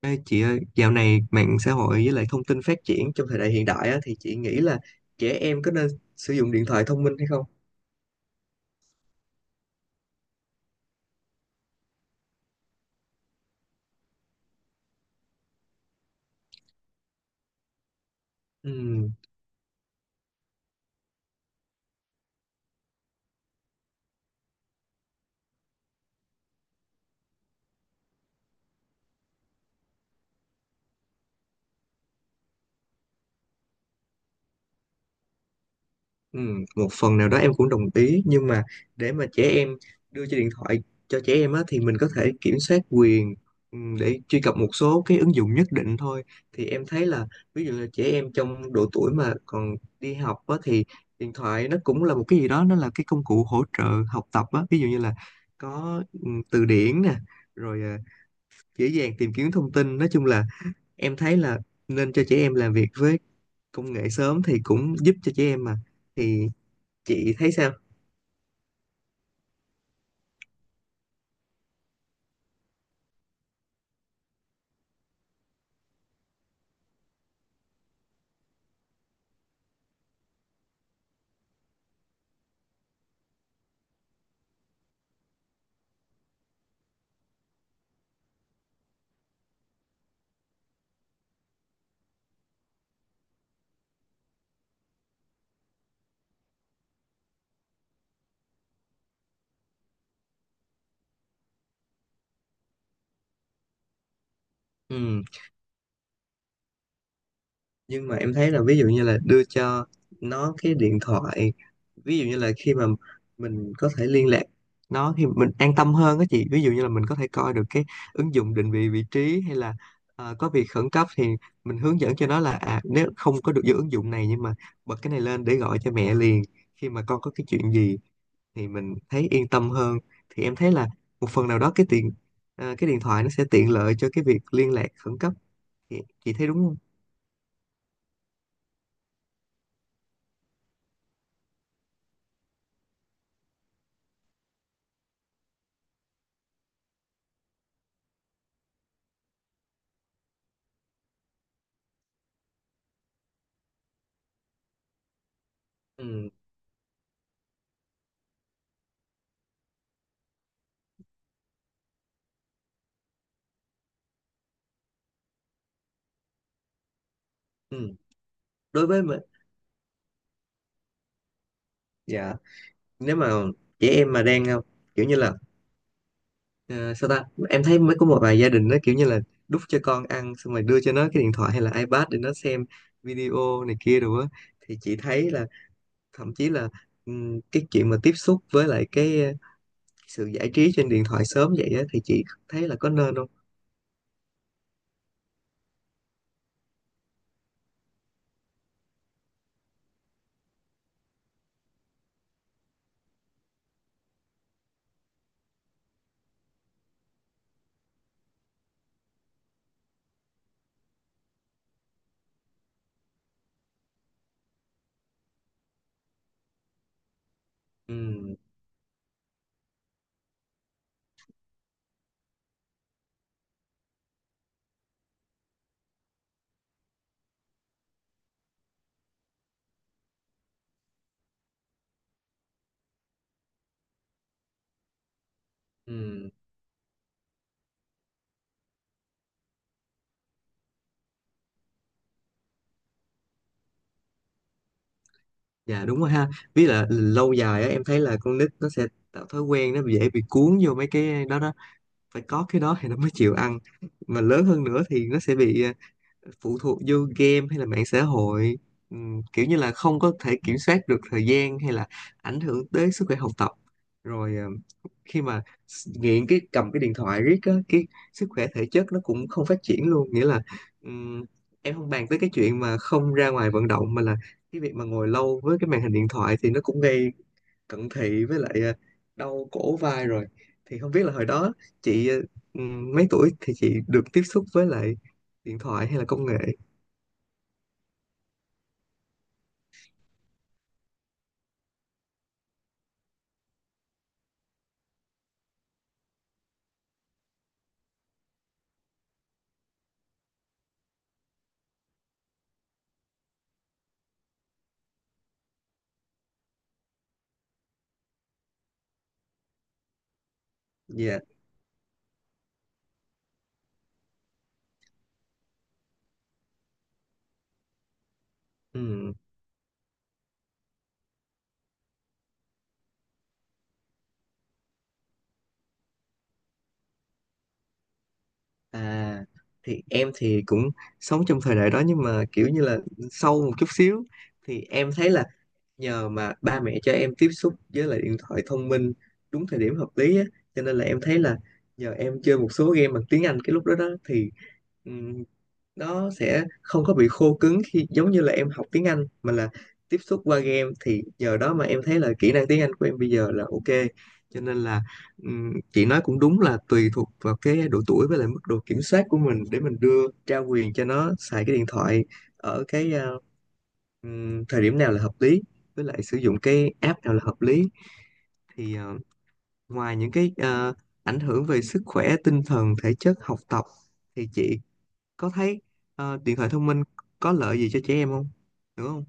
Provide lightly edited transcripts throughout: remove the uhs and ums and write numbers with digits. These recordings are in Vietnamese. Ê, chị ơi, dạo này mạng xã hội với lại thông tin phát triển trong thời đại hiện đại á, thì chị nghĩ là trẻ em có nên sử dụng điện thoại thông minh hay không? Ừ. Ừ, một phần nào đó em cũng đồng ý, nhưng mà để mà trẻ em đưa cho điện thoại cho trẻ em á, thì mình có thể kiểm soát quyền, để truy cập một số cái ứng dụng nhất định thôi. Thì em thấy là ví dụ là trẻ em trong độ tuổi mà còn đi học á, thì điện thoại nó cũng là một cái gì đó, nó là cái công cụ hỗ trợ học tập á. Ví dụ như là có từ điển nè, rồi dễ dàng tìm kiếm thông tin, nói chung là em thấy là nên cho trẻ em làm việc với công nghệ sớm thì cũng giúp cho trẻ em mà. Thì chị thấy sao? ừ. Nhưng mà em thấy là ví dụ như là đưa cho nó cái điện thoại, ví dụ như là khi mà mình có thể liên lạc nó thì mình an tâm hơn á chị. Ví dụ như là mình có thể coi được cái ứng dụng định vị vị trí, hay là có việc khẩn cấp thì mình hướng dẫn cho nó là à, nếu không có được vô ứng dụng này, nhưng mà bật cái này lên để gọi cho mẹ liền khi mà con có cái chuyện gì, thì mình thấy yên tâm hơn. Thì em thấy là một phần nào đó cái tiện, cái điện thoại nó sẽ tiện lợi cho cái việc liên lạc khẩn cấp. chị, chị thấy đúng không? Ừ, ừ. Đối với mà dạ, nếu mà chị em mà đang kiểu như là ờ, sao ta, em thấy mới có một vài gia đình nó kiểu như là đút cho con ăn xong rồi đưa cho nó cái điện thoại hay là iPad để nó xem video này kia rồi á, thì chị thấy là, thậm chí là cái chuyện mà tiếp xúc với lại cái sự giải trí trên điện thoại sớm vậy á thì chị thấy là có nên không? Ừ, ừ. Dạ đúng rồi ha, với là lâu dài á em thấy là con nít nó sẽ tạo thói quen, nó dễ bị cuốn vô mấy cái đó đó, phải có cái đó thì nó mới chịu ăn, mà lớn hơn nữa thì nó sẽ bị phụ thuộc vô game hay là mạng xã hội. Kiểu như là không có thể kiểm soát được thời gian, hay là ảnh hưởng tới sức khỏe học tập, rồi khi mà nghiện cái cầm cái điện thoại riết á, cái sức khỏe thể chất nó cũng không phát triển luôn, nghĩa là ừm, em không bàn tới cái chuyện mà không ra ngoài vận động, mà là cái việc mà ngồi lâu với cái màn hình điện thoại thì nó cũng gây cận thị với lại đau cổ vai, rồi thì không biết là hồi đó chị mấy tuổi thì chị được tiếp xúc với lại điện thoại hay là công nghệ? Dạ. Ừm, à thì em thì cũng sống trong thời đại đó, nhưng mà kiểu như là sâu một chút xíu thì em thấy là nhờ mà ba mẹ cho em tiếp xúc với lại điện thoại thông minh đúng thời điểm hợp lý á, cho nên là em thấy là nhờ em chơi một số game bằng tiếng Anh cái lúc đó đó thì ừ, nó sẽ không có bị khô cứng, khi giống như là em học tiếng Anh mà là tiếp xúc qua game, thì nhờ đó mà em thấy là kỹ năng tiếng Anh của em bây giờ là ok. Cho nên là chị nói cũng đúng là tùy thuộc vào cái độ tuổi với lại mức độ kiểm soát của mình để mình đưa trao quyền cho nó xài cái điện thoại ở cái thời điểm nào là hợp lý, với lại sử dụng cái app nào là hợp lý. Thì ngoài những cái ảnh hưởng về sức khỏe tinh thần thể chất học tập, thì chị có thấy điện thoại thông minh có lợi gì cho trẻ em không, đúng không?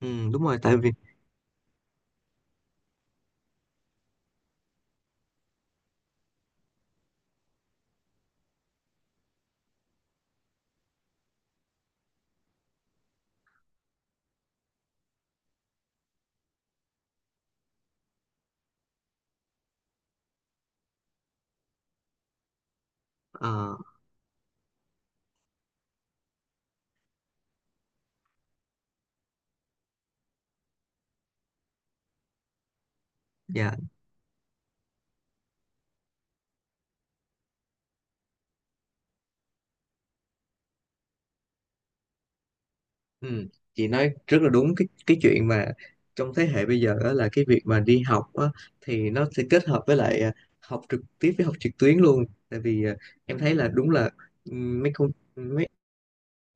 Ừ đúng rồi, tại vì ờ, dạ. Ừ, chị nói rất là đúng. Cái chuyện mà trong thế hệ bây giờ đó là cái việc mà đi học á, thì nó sẽ kết hợp với lại học trực tiếp với học trực tuyến luôn, tại vì em thấy là đúng là mấy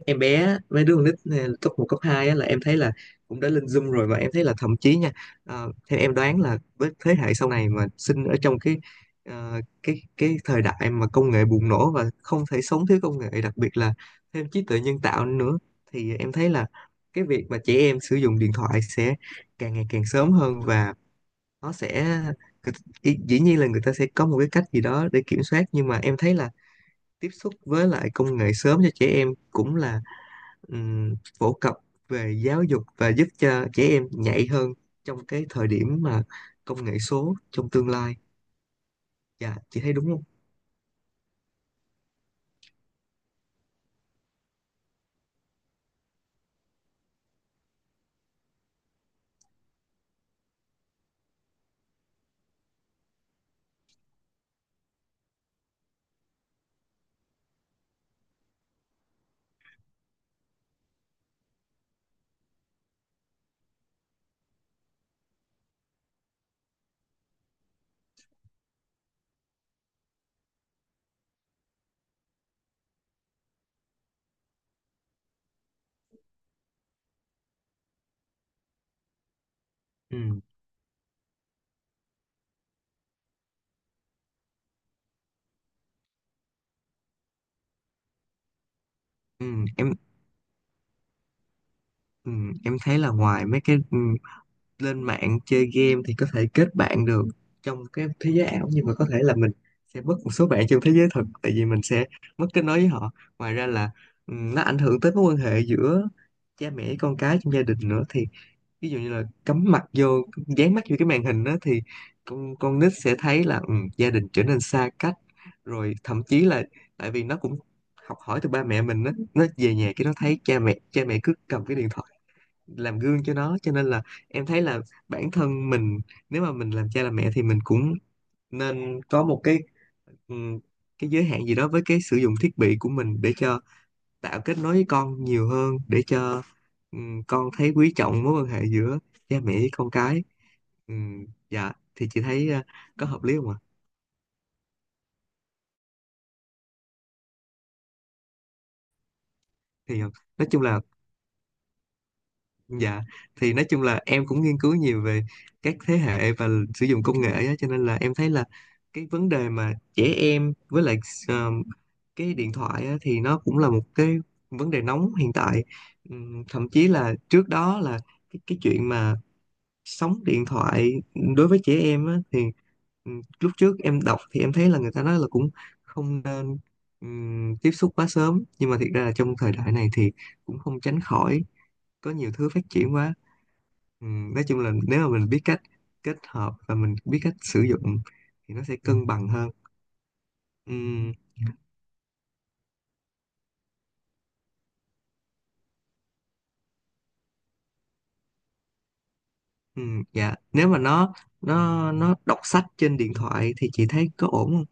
em bé mấy đứa con nít này, cấp một cấp 2 á, là em thấy là cũng đã lên Zoom rồi, và em thấy là thậm chí nha theo em đoán là với thế hệ sau này mà sinh ở trong cái cái thời đại mà công nghệ bùng nổ và không thể sống thiếu công nghệ, đặc biệt là thêm trí tuệ nhân tạo nữa, thì em thấy là cái việc mà trẻ em sử dụng điện thoại sẽ càng ngày càng sớm hơn. Và nó sẽ dĩ nhiên là người ta sẽ có một cái cách gì đó để kiểm soát, nhưng mà em thấy là tiếp xúc với lại công nghệ sớm cho trẻ em cũng là phổ cập về giáo dục và giúp cho trẻ em nhạy hơn trong cái thời điểm mà công nghệ số trong tương lai. Dạ chị thấy đúng không? Ừ, ừ, em ừ, em thấy là ngoài mấy cái lên mạng chơi game thì có thể kết bạn được trong cái thế giới ảo, nhưng mà có thể là mình sẽ mất một số bạn trong thế giới thực, tại vì mình sẽ mất kết nối với họ. Ngoài ra là nó ảnh hưởng tới mối quan hệ giữa cha mẹ con cái trong gia đình nữa, thì ví dụ như là cắm mặt vô, dán mắt vô cái màn hình đó thì con nít sẽ thấy là ừ, gia đình trở nên xa cách, rồi thậm chí là tại vì nó cũng học hỏi từ ba mẹ mình đó, nó về nhà cái nó thấy cha mẹ cứ cầm cái điện thoại, làm gương cho nó, cho nên là em thấy là bản thân mình, nếu mà mình làm cha làm mẹ thì mình cũng nên có một cái ừ, cái giới hạn gì đó với cái sử dụng thiết bị của mình, để cho tạo kết nối với con nhiều hơn, để cho con thấy quý trọng mối quan hệ giữa cha mẹ với con cái. Dạ thì chị thấy có hợp lý không ạ? Thì nói chung là dạ, thì nói chung là em cũng nghiên cứu nhiều về các thế hệ và sử dụng công nghệ á, cho nên là em thấy là cái vấn đề mà trẻ em với lại ờ, cái điện thoại á, thì nó cũng là một cái vấn đề nóng hiện tại. Thậm chí là trước đó là cái chuyện mà sóng điện thoại đối với trẻ em á, thì ừ, lúc trước em đọc thì em thấy là người ta nói là cũng không nên tiếp xúc quá sớm, nhưng mà thiệt ra là trong thời đại này thì cũng không tránh khỏi, có nhiều thứ phát triển quá. Nói chung là nếu mà mình biết cách kết hợp và mình biết cách sử dụng thì nó sẽ cân bằng hơn. Ừm, dạ, nếu mà nó đọc sách trên điện thoại thì chị thấy có ổn không?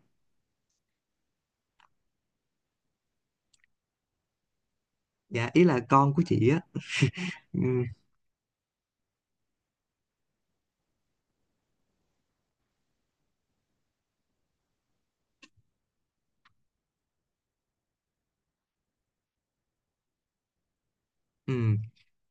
Dạ ý là con của chị á. Ừm, ừm.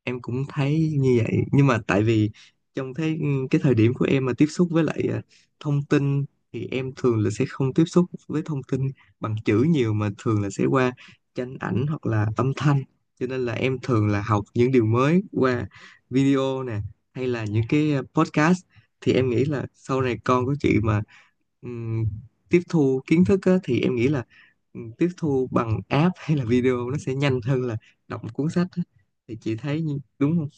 Em cũng thấy như vậy, nhưng mà tại vì trong thế cái thời điểm của em mà tiếp xúc với lại thông tin thì em thường là sẽ không tiếp xúc với thông tin bằng chữ nhiều, mà thường là sẽ qua tranh ảnh hoặc là âm thanh, cho nên là em thường là học những điều mới qua video nè, hay là những cái podcast. Thì em nghĩ là sau này con của chị mà ừm, tiếp thu kiến thức á, thì em nghĩ là tiếp thu bằng app hay là video nó sẽ nhanh hơn là đọc một cuốn sách. Thì chị thấy đúng không?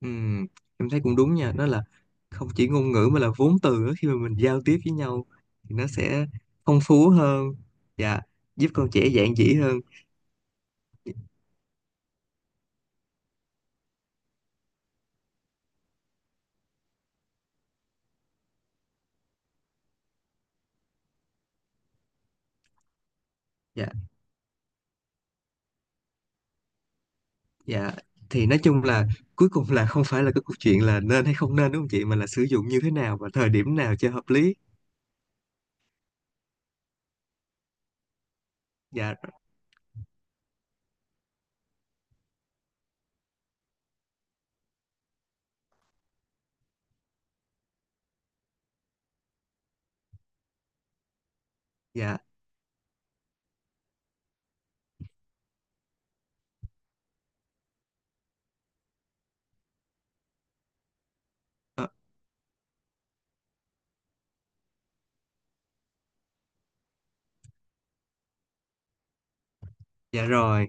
Ừm, em thấy cũng đúng nha, đó là không chỉ ngôn ngữ mà là vốn từ nữa, khi mà mình giao tiếp với nhau thì nó sẽ phong phú hơn và giúp con trẻ dạn dĩ hơn. Dạ. Dạ thì nói chung là cuối cùng là không phải là cái câu chuyện là nên hay không nên, đúng không chị, mà là sử dụng như thế nào và thời điểm nào cho hợp lý. Dạ. Dạ. ờ, dạ rồi,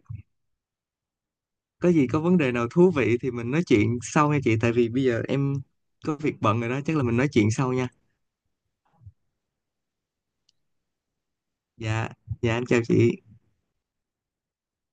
có gì có vấn đề nào thú vị thì mình nói chuyện sau nha chị, tại vì bây giờ em có việc bận rồi đó, chắc là mình nói chuyện sau nha. Dạ. Dạ em chào chị.